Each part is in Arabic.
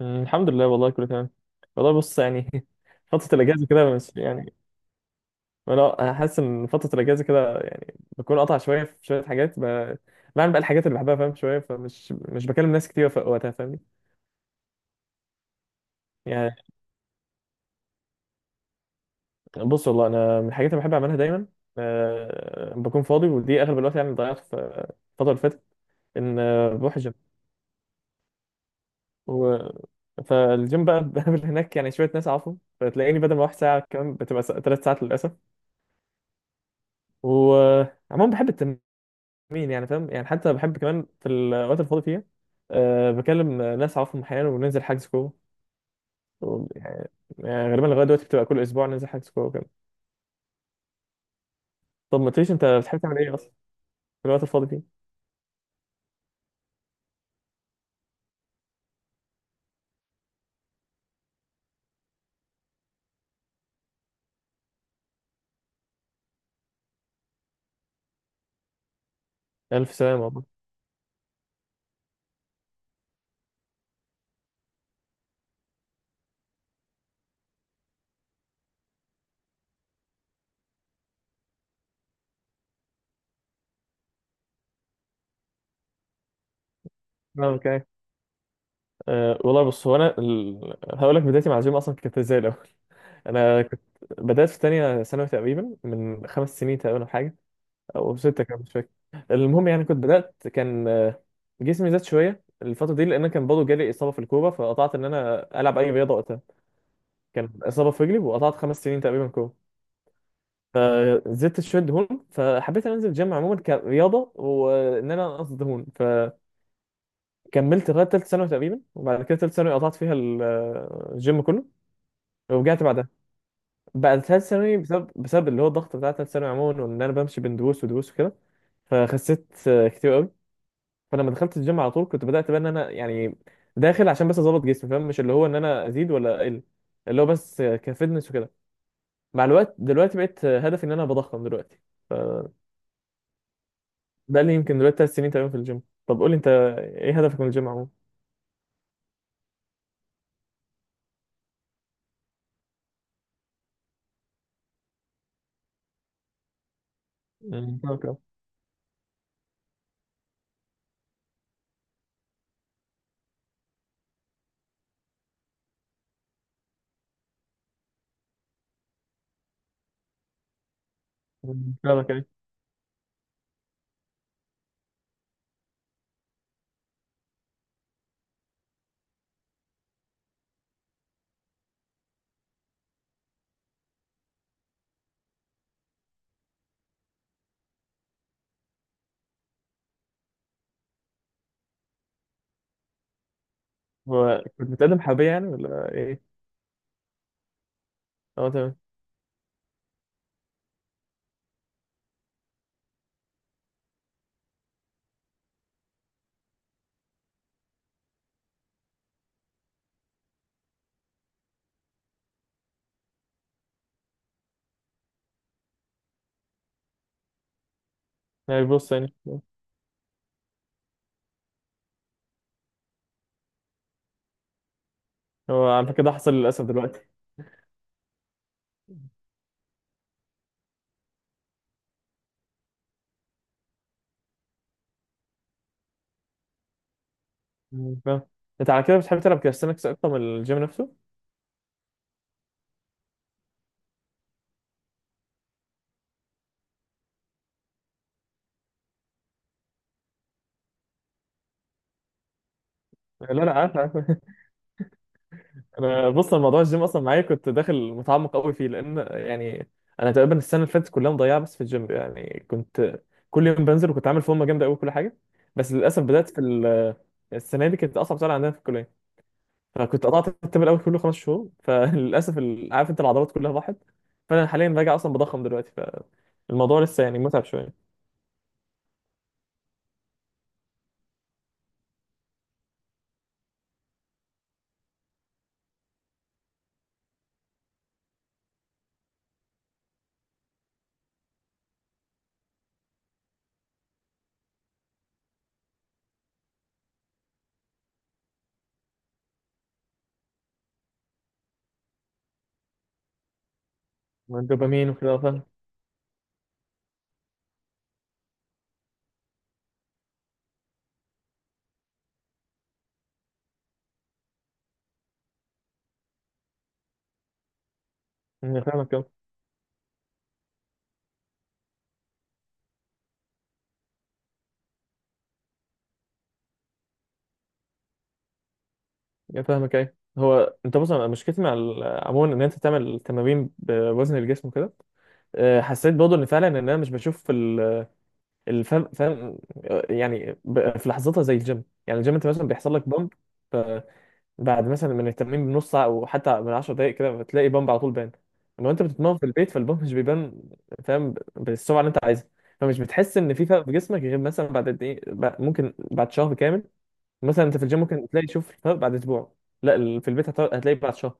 مم، الحمد لله. والله كله تمام. والله بص يعني فترة الأجازة كده بس يعني. أنا حاسس إن فترة الأجازة كده يعني بكون قاطع شوية في شوية حاجات بعمل بقى الحاجات اللي بحبها، فاهم؟ شوية فمش مش بكلم ناس كتير في وقتها، فاهمني؟ يعني بص، والله أنا من الحاجات اللي بحب أعملها دايما بكون فاضي، ودي أغلب الوقت يعني ضيعته في الفترة اللي فاتت. إن بروح الجيم و... فالجيم بقى بقابل هناك يعني شوية ناس أعرفهم، فتلاقيني بدل ما أروح ساعة كمان بتبقى 3 ساعات للأسف. و عموما بحب التمرين، مين يعني فاهم؟ يعني حتى بحب كمان في الاوقات الفاضي فيها بكلم ناس اعرفهم احيانا وننزل حجز كوره. و- يعني يعني غالبا لغايه دلوقتي بتبقى كل اسبوع ننزل حجز كوره كده. طب ما تقوليش انت بتحب تعمل ايه اصلا في الوقت الفاضي فيه؟ الف سلامه والله. اه، اوكي. والله بص، هو انا هقول لك بدايتي مع الجيم اصلا كانت ازاي الاول. انا كنت بدات في تانية ثانوي تقريبا من 5 سنين تقريبا أو حاجه او ستة، كان مش فاكر. المهم يعني كنت بدأت، كان جسمي زاد شوية الفترة دي، لأن أنا كان برضه جالي إصابة في الكورة، فقطعت إن أنا ألعب أي رياضة وقتها. كان إصابة في رجلي، وقطعت 5 سنين تقريبا كورة. فزدت شوية دهون، فحبيت إن أنا أنزل الجيم عموما كرياضة، وإن أنا أنقص دهون. فكملت لغاية تالتة ثانوي تقريبا، وبعد كده تالتة ثانوي قطعت فيها الجيم كله، ورجعت بعدها. بعد تالتة ثانوي بسبب اللي هو الضغط بتاع تالتة ثانوي عموما، وإن أنا بمشي بين دروس ودروس وكده، فخسيت كتير قوي. فلما دخلت الجيم على طول كنت بدأت بقى ان انا يعني داخل عشان بس اظبط جسمي، فاهم؟ مش اللي هو ان انا ازيد ولا اقل، اللي هو بس كفitness وكده. مع الوقت دلوقتي بقيت هدفي ان انا بضخم دلوقتي، فده اللي يمكن دلوقتي 3 سنين تقريبا في الجيم. طب قول لي انت، ايه هدفك من الجيم عموما؟ مم، فاهمك أه. مم، فاهمك يعني. هو كنت بتقدم حربية يعني ولا ايه؟ اه تمام. يعني بص يعني. هو على فكرة ده حصل للأسف دلوقتي. مم، فاهم. انت على كده بتحب تلعب كاستنكس اكتر من الجيم نفسه؟ لا لا، عارف عارف. انا بص، الموضوع الجيم اصلا معايا كنت داخل متعمق قوي فيه، لان يعني انا تقريبا السنه اللي فاتت كلها مضيعه بس في الجيم، يعني كنت كل يوم بنزل، وكنت عامل فورمه جامده قوي كل حاجه. بس للاسف بدات السنه دي كانت اصعب سنه عندنا في الكليه، فكنت قطعت الترم الاول كله 5 شهور. فللاسف عارف انت العضلات كلها راحت. فانا حاليا راجع اصلا بضخم دلوقتي، فالموضوع لسه يعني متعب شويه. والدوبامين وكده، فاهم؟ أنا فاهمك أهو. أنا فاهمك. ايه هو انت بص، أنا مشكلتي عموما ان انت تعمل تمارين بوزن الجسم وكده، حسيت برضه ان فعلا ان انا مش بشوف الفهم، فاهم؟ يعني في لحظتها زي الجيم، يعني الجيم انت مثلا بيحصل لك بامب، فبعد مثلا من التمرين بنص ساعه او حتى من 10 دقائق كده بتلاقي بامب على طول بان. اما انت بتتمرن في البيت فالبامب مش بيبان، فاهم؟ بالسرعه اللي انت عايزها. فمش بتحس ان في فرق في جسمك غير مثلا بعد قد ايه، ممكن بعد شهر كامل مثلا. انت في الجيم ممكن تلاقي تشوف الفرق بعد اسبوع، لا في البيت هتلاقي بعد شهر.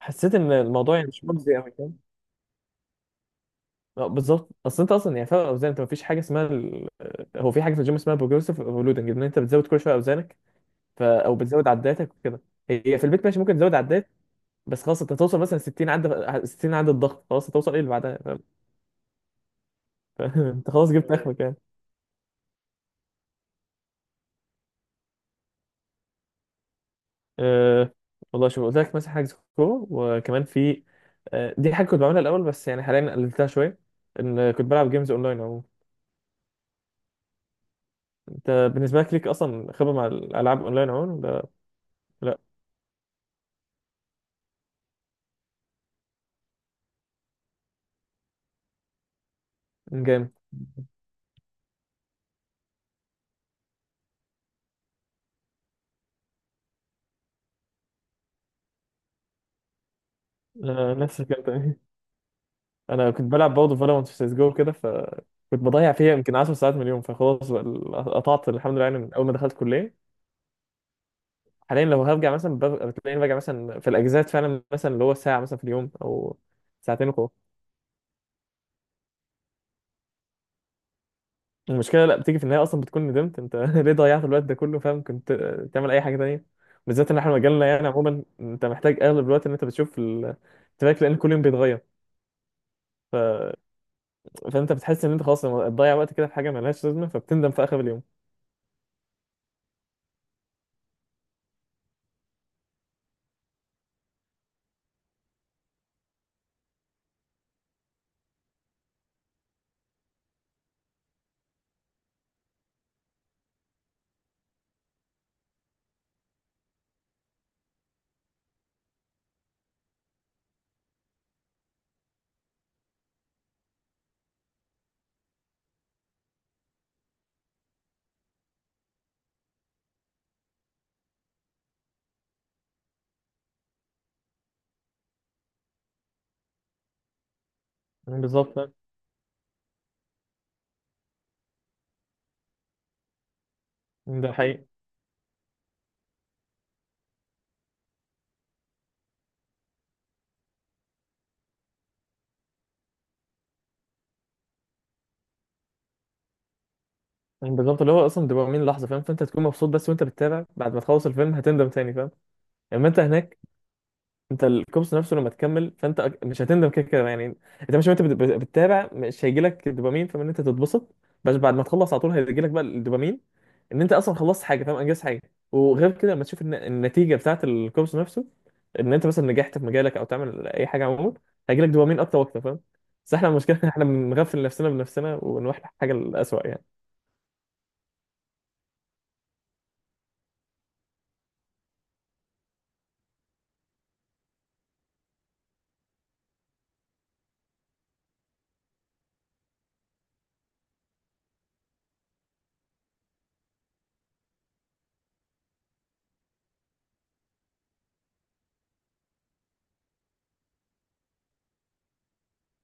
فحسيت ان الموضوع يعني مش مجزي قوي. اه بالظبط، اصل انت اصلا يعني فرق اوزان، انت مفيش حاجه اسمها ال... آه، هو في حاجه في الجيم اسمها بروجريسيف اورلودنج، ان انت بتزود كل شويه اوزانك، او بتزود عداتك وكده. هي في البيت ماشي ممكن تزود عدات، بس خلاص انت هتوصل مثلا 60 عده، 60 عده ضغط، خلاص هتوصل ايه اللي بعدها، فاهم؟ انت خلاص جبت اخرك يعني. أه... والله شوف، قلت لك مثلا حاجه كوره، وكمان في دي حاجه كنت بعملها الاول بس يعني حاليا قللتها شويه، ان كنت بلعب جيمز اونلاين عموما. انت بالنسبه ليك اصلا خبره مع الالعاب اونلاين عموما ولا؟ لا جامد. لا، نفسك انت. انا كنت بلعب برضه فالورانت في سيس جو كده، فكنت بضيع فيها يمكن 10 ساعات من اليوم، فخلاص بقى قطعت الحمد لله، يعني من اول ما دخلت كليه. حاليا لو هرجع مثلا بتلاقيني برجع مثلا في الاجازات فعلا مثلا اللي هو ساعه مثلا في اليوم او ساعتين وخلاص. المشكله لا، بتيجي في النهايه اصلا بتكون ندمت انت ليه ضيعت الوقت ده كله، فاهم؟ كنت تعمل اي حاجه تانيه، بالذات ان احنا مجالنا يعني عموما انت محتاج اغلب الوقت ان انت بتشوف التراك، لان كل يوم بيتغير. ف... فانت بتحس ان انت خلاص تضيع وقت كده في حاجه ملهاش لازمه، فبتندم في اخر اليوم. بالظبط، ده حقيقي. يعني بالظبط اللي هو اصلا دوبامين لحظه، فاهم؟ فانت هتكون مبسوط بس وانت بتتابع، بعد ما تخلص الفيلم هتندم تاني، فاهم؟ اما انت هناك، انت الكوبس نفسه لما تكمل فانت مش هتندم كده كده يعني. انت مش وانت بتتابع مش هيجي لك الدوبامين فاهم، ان انت تتبسط. بس بعد ما تخلص على طول هيجي لك بقى الدوبامين، ان انت اصلا خلصت حاجه، فاهم؟ انجزت حاجه. وغير كده لما تشوف النتيجه بتاعت الكوبس نفسه، ان انت مثلا نجحت في مجالك او تعمل اي حاجه عموما، هيجي لك دوبامين اكتر واكتر، فاهم؟ بس احنا المشكله إن احنا بنغفل نفسنا بنفسنا ونروح لحاجه الاسوء يعني.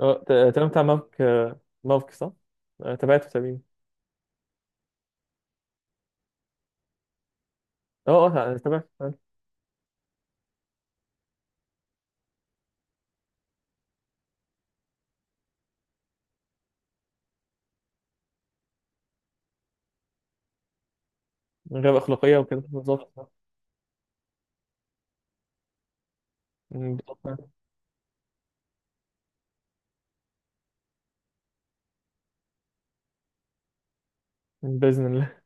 اه تمام، بتاع مافك مافك صح؟ تابعته تمام. اه اه، تابعته تمام. من غير أخلاقية وكده، بالظبط. مم، بالظبط. بإذن الله.